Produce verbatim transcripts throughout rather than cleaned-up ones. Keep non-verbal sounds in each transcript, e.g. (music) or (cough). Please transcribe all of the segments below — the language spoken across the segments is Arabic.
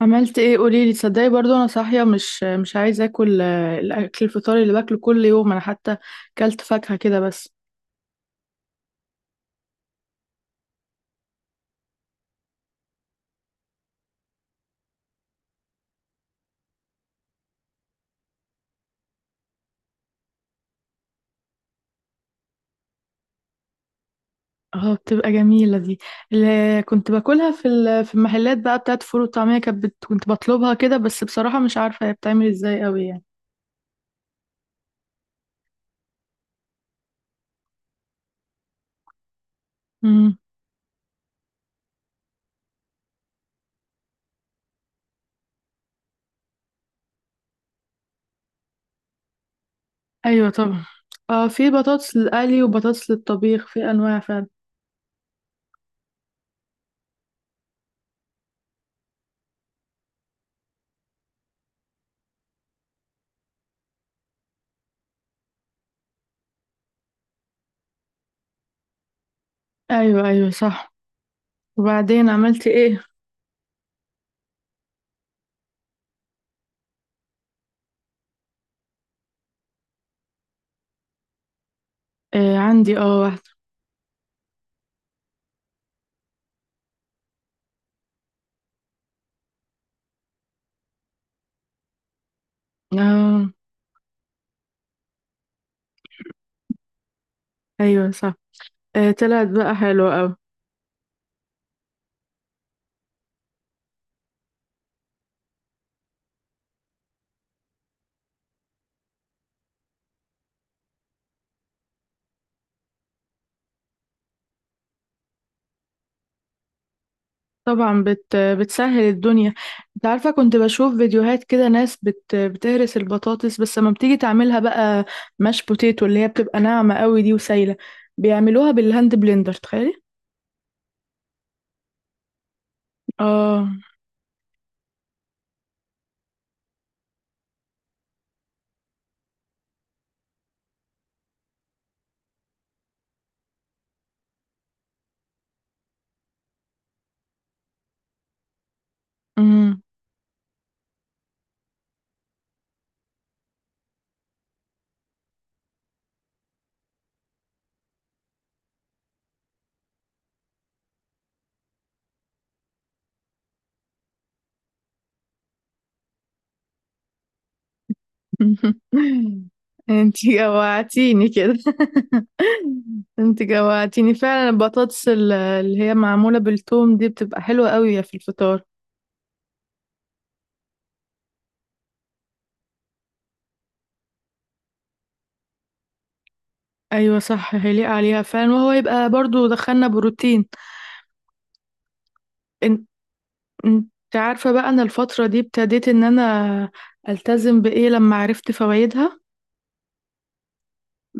عملت ايه؟ قوليلي. تصدقي برضو انا صاحيه مش مش عايزه اكل، آه، الاكل الفطار اللي باكله كل يوم. انا حتى كلت فاكهه كده بس. اه بتبقى جميله دي. اللي كنت باكلها في ال- في المحلات بقى بتاعت فول وطعميه كانت، بت- كنت بطلبها كده بس. بصراحه مش عارفه هي بتعمل ازاي قوي يعني. امم. ايوه طبعا. اه في بطاطس للقلي وبطاطس للطبيخ، في انواع فعلا. ايوه ايوه صح. وبعدين عملت ايه؟ آه عندي، اه واحده. اه ايوه صح. آه طلعت بقى حلوه قوي. طبعا بت بتسهل الدنيا. انت عارفة، كنت بشوف فيديوهات كده ناس بت بتهرس البطاطس، بس لما بتيجي تعملها بقى ماش بوتيتو اللي هي بتبقى ناعمة قوي دي وسايلة، بيعملوها بالهاند بلندر تخيلي. اه. امم. (laughs) انتي جوعتيني كده. (laughs) انتي جوعتيني فعلا. البطاطس، ال- اللي هي معمولة بالثوم دي، بتبقى حلوة قوي في الفطار. ايوه صح هيليق عليها فعلا، وهو يبقى برضو دخلنا بروتين. انت عارفة بقى انا الفترة دي ابتديت ان انا التزم بايه، لما عرفت فوائدها؟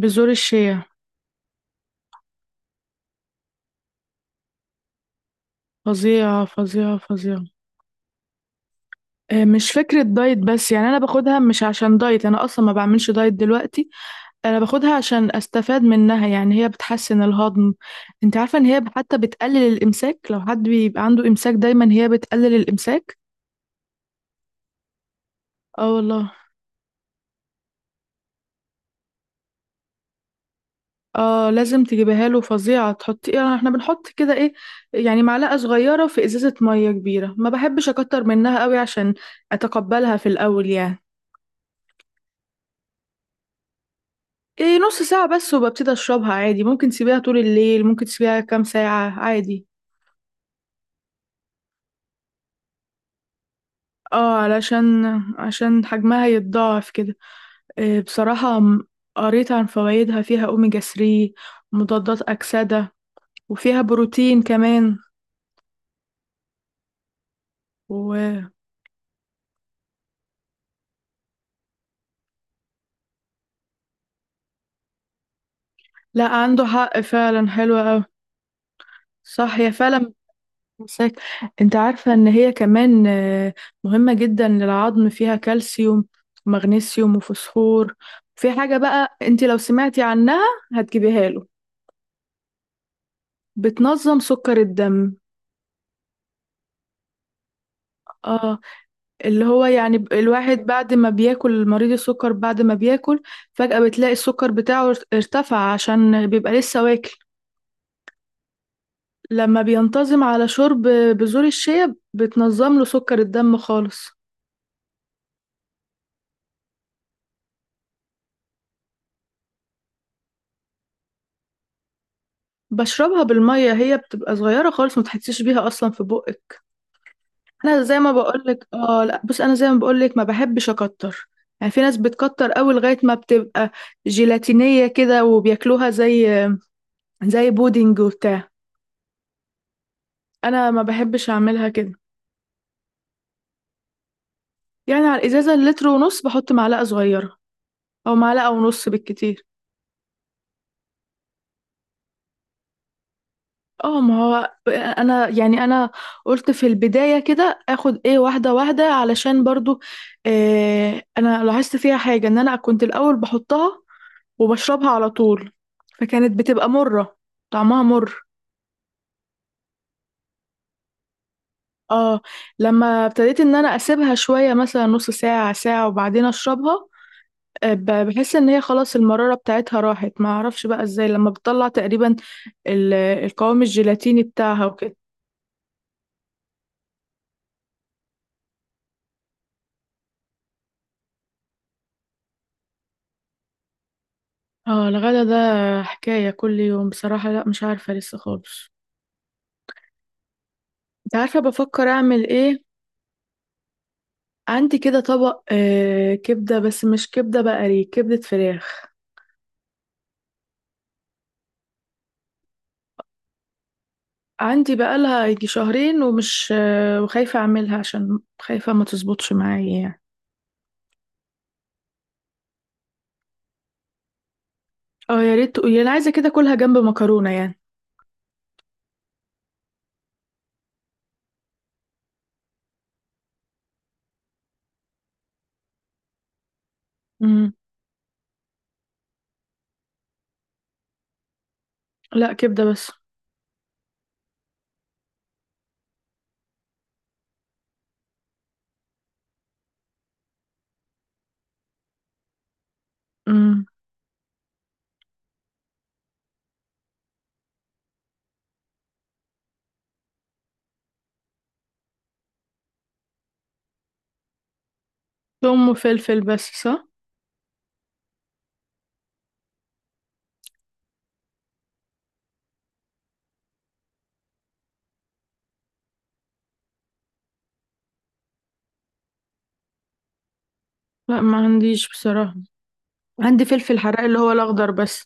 بذور الشيا. فظيعة فظيعة فظيعة. آه، مش فكرة دايت بس، يعني انا باخدها مش عشان دايت، انا اصلا ما بعملش دايت دلوقتي. انا باخدها عشان استفاد منها. يعني هي بتحسن الهضم. انت عارفة ان هي حتى بتقلل الامساك؟ لو حد بيبقى عنده امساك دايما، هي بتقلل الامساك. اه والله. اه لازم تجيبيها له، فظيعة. تحطي ايه؟ احنا بنحط كده، ايه، يعني معلقة صغيرة في ازازة مية كبيرة. ما بحبش اكتر منها قوي عشان اتقبلها في الاول يعني. ايه، نص ساعة بس وببتدي اشربها عادي. ممكن تسيبيها طول الليل، ممكن تسيبيها كام ساعة عادي. اه علشان، عشان حجمها يتضاعف كده. إيه بصراحة، م- قريت عن فوائدها. فيها اوميجا ثلاثة، مضادات اكسدة، وفيها بروتين كمان. و، لا عنده حق فعلا، حلوة أوي. صح هي فعلا. مساك. انت عارفة ان هي كمان، آه، مهمة جدا للعظم، فيها كالسيوم ومغنيسيوم وفوسفور. في حاجة بقى انت لو سمعتي عنها هتجيبيها له. بتنظم سكر الدم. اه، اللي هو يعني، ب- الواحد بعد ما بياكل، مريض السكر بعد ما بياكل فجأة بتلاقي السكر بتاعه ارت- ارتفع، عشان بيبقى لسه واكل. لما بينتظم على شرب بذور الشيا، بتنظم له سكر الدم خالص. بشربها بالميه، هي بتبقى صغيره خالص ما تحسيش بيها اصلا في بقك. انا زي ما بقولك، اه لا بص، انا زي ما بقولك ما بحبش اكتر. يعني في ناس بتكتر قوي لغايه ما بتبقى جيلاتينيه كده وبياكلوها زي، زي بودنج وبتاع. انا ما بحبش اعملها كده. يعني على الازازه اللتر ونص بحط معلقه صغيره او معلقه ونص بالكتير. اه، ما هو انا يعني انا قلت في البداية كده اخد، ايه، واحدة واحدة علشان برضو، إيه، انا لاحظت فيها حاجة. ان انا كنت الاول بحطها وبشربها على طول، فكانت بتبقى مرة، طعمها مر. اه، لما ابتديت ان انا اسيبها شوية، مثلا نص ساعة ساعة وبعدين اشربها، آه، ب- بحس ان هي خلاص المرارة بتاعتها راحت. ما اعرفش بقى ازاي، لما بتطلع تقريبا ال- القوام الجيلاتيني بتاعها وكده. اه الغدا ده حكاية كل يوم بصراحة. لا مش عارفة لسه خالص. انت عارفة بفكر اعمل ايه؟ عندي كده طبق آه كبدة، بس مش كبدة بقري، كبدة فراخ. عندي بقالها يجي شهرين ومش، آه، وخايفة اعملها عشان خايفة ما تظبطش معايا يعني. اه يا ريت تقولي، انا عايزة كده كلها جنب مكرونة يعني. امم. لا، كبدة بس. امم. ثوم وفلفل بس، صح؟ لا، ما عنديش بصراحة. عندي فلفل حراق، اللي هو الاخضر بس.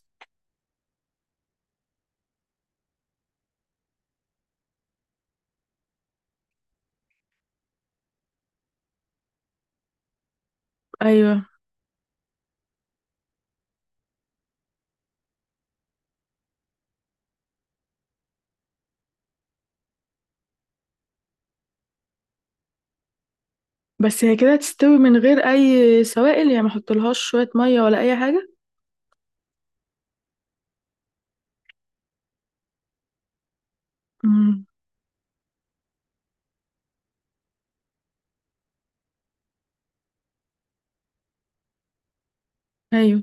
ايوه. بس هي كده هتستوي من غير اي سوائل يعني؟ ما احطلهاش شويه ميه ولا اي حاجه؟ امم. ايوه،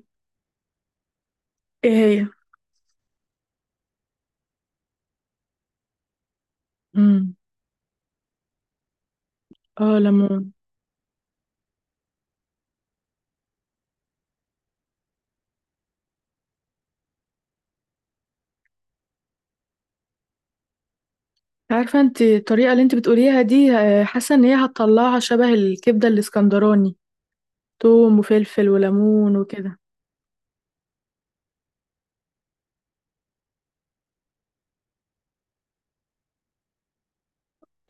ايه هي؟ امم. اه، ليمون. عارفه انت الطريقه اللي انت بتقوليها دي، آه، حاسه ان هي هتطلعها شبه الكبده الاسكندراني. توم وفلفل وليمون وكده.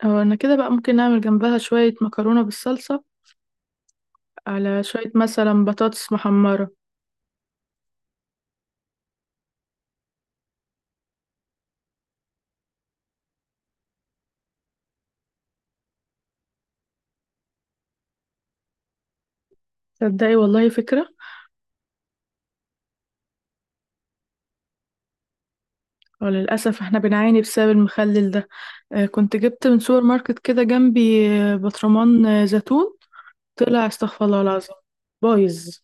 اه انا كده بقى ممكن نعمل جنبها شويه مكرونه بالصلصه، على شويه مثلا بطاطس محمره. تصدقي والله فكره. وللأسف احنا بنعاني بسبب المخلل ده. آه، كنت جبت من سوبر ماركت كده جنبي آه، برطمان آه، زيتون، طلع استغفر الله العظيم، بايظ.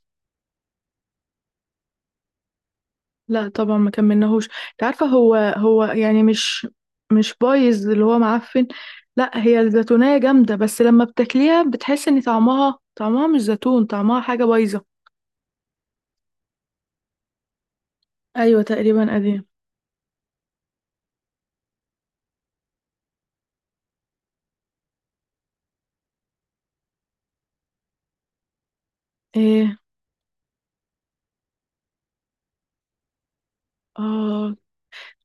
لا طبعا ما كملناهوش. انت عارفه هو هو يعني مش، مش بايظ اللي هو معفن، لا. هي الزيتونيه جامده، بس لما بتاكليها بتحس ان طعمها، طعمها مش زيتون، طعمها حاجه بايظه. ايوه تقريبا قديم. ايه، اه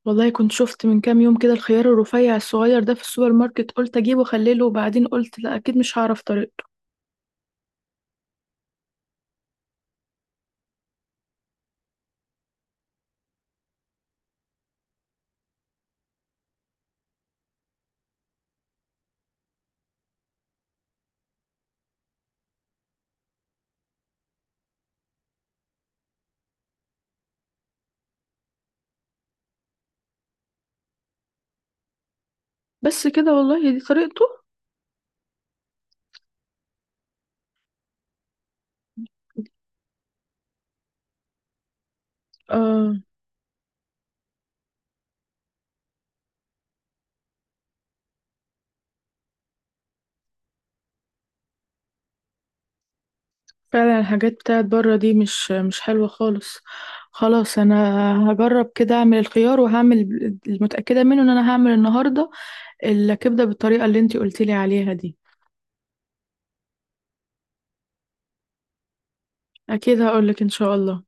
والله كنت شفت من كام يوم كده الخيار الرفيع الصغير ده في السوبر ماركت، قلت اجيبه واخليه له، وبعدين قلت لا اكيد مش هعرف طريقته. بس كده والله دي طريقته؟ آه. فعلا الحاجات بتاعت بره دي مش مش حلوة خالص. خلاص، انا هجرب كده اعمل الخيار، وهعمل، المتأكدة منه ان انا هعمل النهاردة، الكبدة بالطريقة اللي انتي قلتيلي عليها دي. اكيد هقولك ان شاء الله.